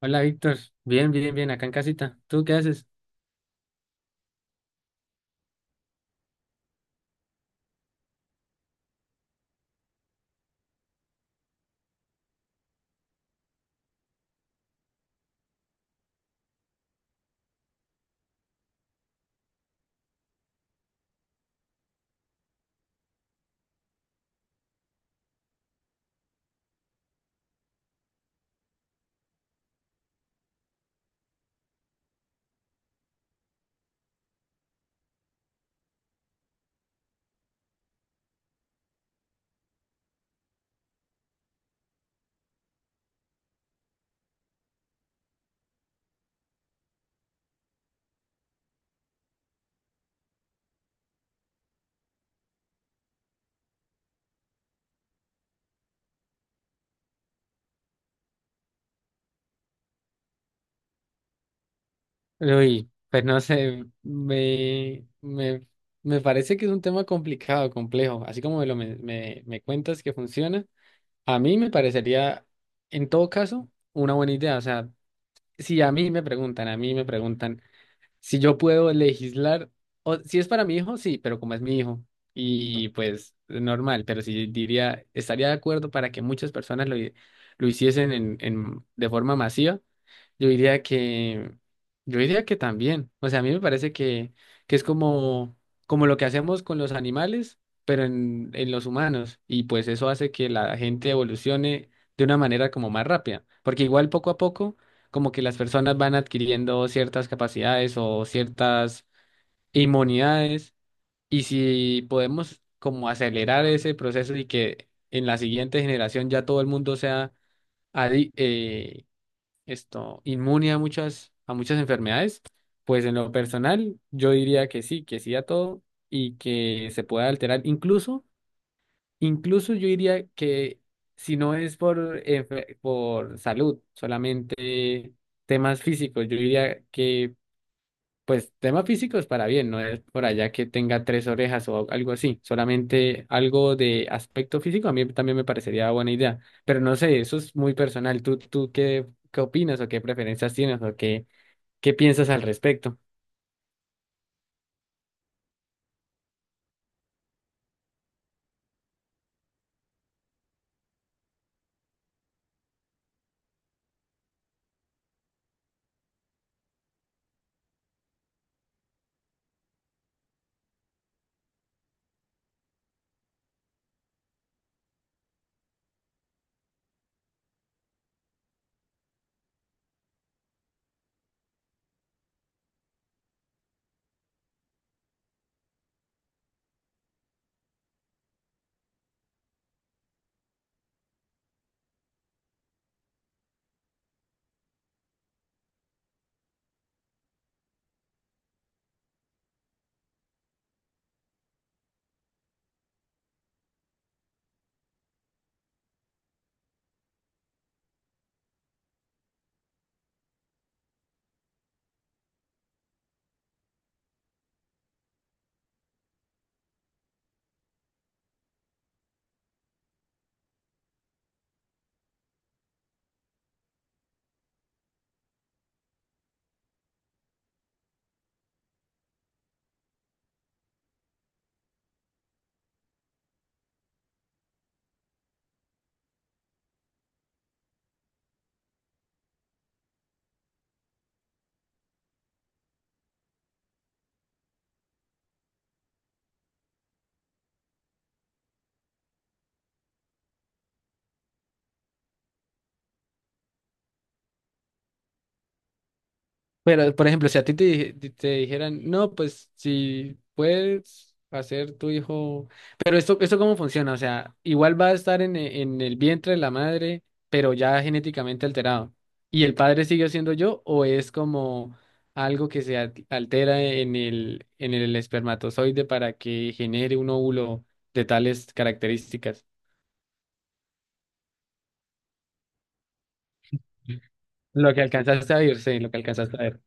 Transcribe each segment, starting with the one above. Hola Víctor, bien, bien, bien, acá en casita. ¿Tú qué haces? Uy, pues no sé, me parece que es un tema complicado, complejo. Así como me lo me, me, me cuentas que funciona, a mí me parecería, en todo caso, una buena idea. O sea, si a mí me preguntan, a mí me preguntan si yo puedo legislar, o si es para mi hijo, sí, pero como es mi hijo, y pues normal, pero si diría, estaría de acuerdo para que muchas personas lo hiciesen en, de forma masiva. Yo diría que, yo diría que también. O sea, a mí me parece que es como lo que hacemos con los animales, pero en los humanos. Y pues eso hace que la gente evolucione de una manera como más rápida. Porque igual poco a poco, como que las personas van adquiriendo ciertas capacidades o ciertas inmunidades. Y si podemos como acelerar ese proceso y que en la siguiente generación ya todo el mundo sea adicto, esto inmune a muchas enfermedades, pues en lo personal yo diría que sí a todo y que se puede alterar. Incluso yo diría que si no es por salud, solamente temas físicos, yo diría que pues tema físico es para bien, no es por allá que tenga tres orejas o algo así, solamente algo de aspecto físico a mí también me parecería buena idea, pero no sé, eso es muy personal. ¿Tú qué opinas o qué preferencias tienes o qué piensas al respecto? Pero, por ejemplo, si a ti te dijeran, no, pues si puedes hacer tu hijo, pero esto cómo funciona, o sea, igual va a estar en el vientre de la madre, pero ya genéticamente alterado. ¿Y el padre sigue siendo yo o es como algo que se altera en el espermatozoide para que genere un óvulo de tales características? Lo que alcanzaste a ver, sí, lo que alcanzaste a ver.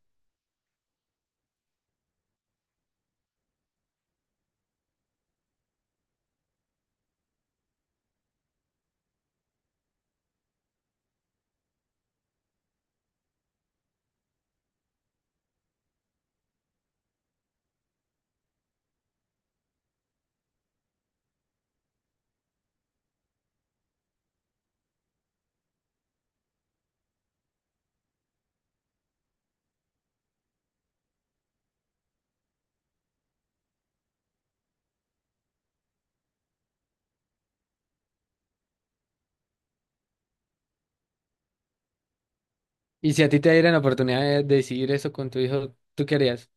Y si a ti te dieran la oportunidad de decidir eso con tu hijo, ¿tú qué harías?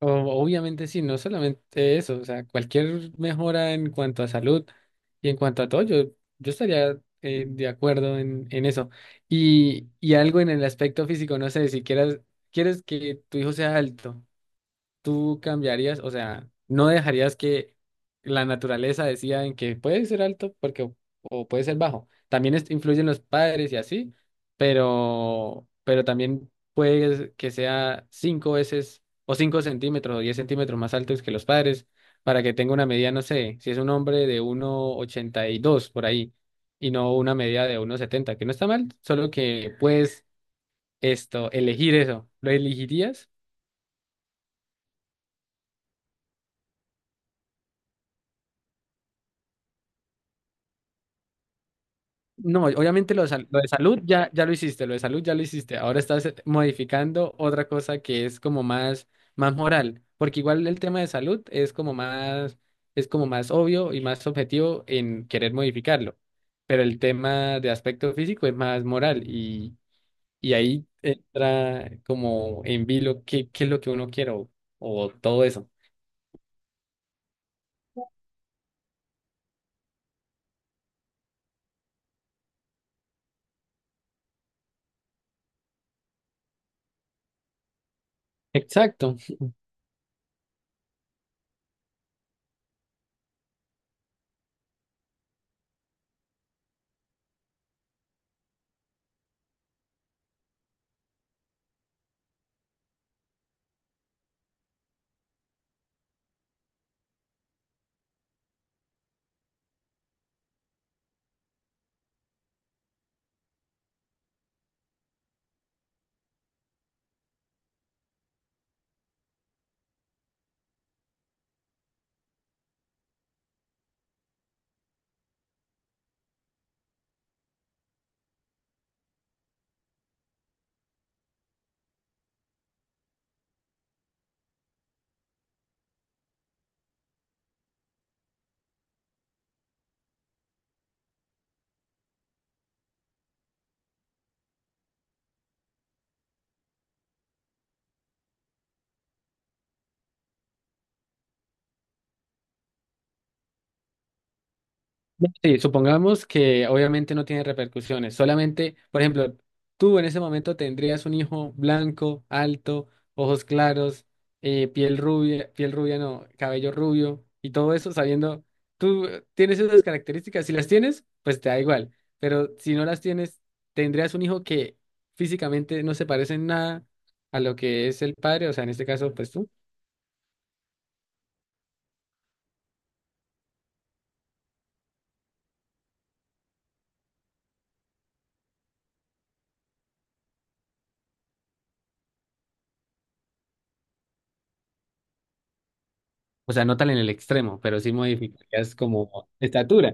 Obviamente sí, no solamente eso, o sea, cualquier mejora en cuanto a salud y en cuanto a todo, yo estaría de acuerdo en eso. Y algo en el aspecto físico, no sé, si quieras, quieres que tu hijo sea alto, tú cambiarías, o sea, no dejarías que la naturaleza decida en que puede ser alto porque, o puede ser bajo. También influyen los padres y así, pero también puede que sea cinco veces o 5 cm o 10 cm más altos que los padres para que tenga una medida, no sé, si es un hombre de 1,82 m por ahí y no una medida de 1,70 m que no está mal, solo que puedes elegir eso. ¿Lo elegirías? No, obviamente lo de, lo de salud ya, ya lo hiciste, lo de salud ya lo hiciste. Ahora estás modificando otra cosa que es como más, más moral, porque igual el tema de salud es como más obvio y más objetivo en querer modificarlo. Pero el tema de aspecto físico es más moral y ahí entra como en vilo qué es lo que uno quiere o todo eso. Exacto. No, sí, supongamos que obviamente no tiene repercusiones, solamente, por ejemplo, tú en ese momento tendrías un hijo blanco, alto, ojos claros, piel rubia no, cabello rubio y todo eso sabiendo, tú tienes esas características, si las tienes, pues te da igual, pero si no las tienes, tendrías un hijo que físicamente no se parece en nada a lo que es el padre, o sea, en este caso, pues tú, o sea, no tan en el extremo, pero sí modificarías como estatura,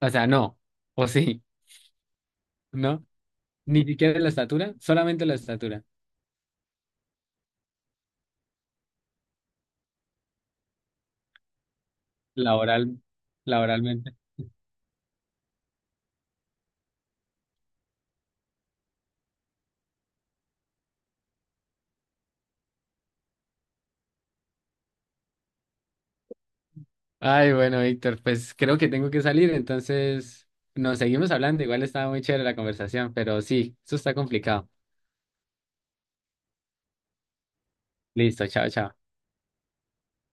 o sea, no, o sí. No, ni siquiera la estatura, solamente la estatura, laboral, laboralmente. Ay, bueno, Víctor, pues creo que tengo que salir, entonces nos seguimos hablando. Igual estaba muy chévere la conversación, pero sí, eso está complicado. Listo, chao, chao.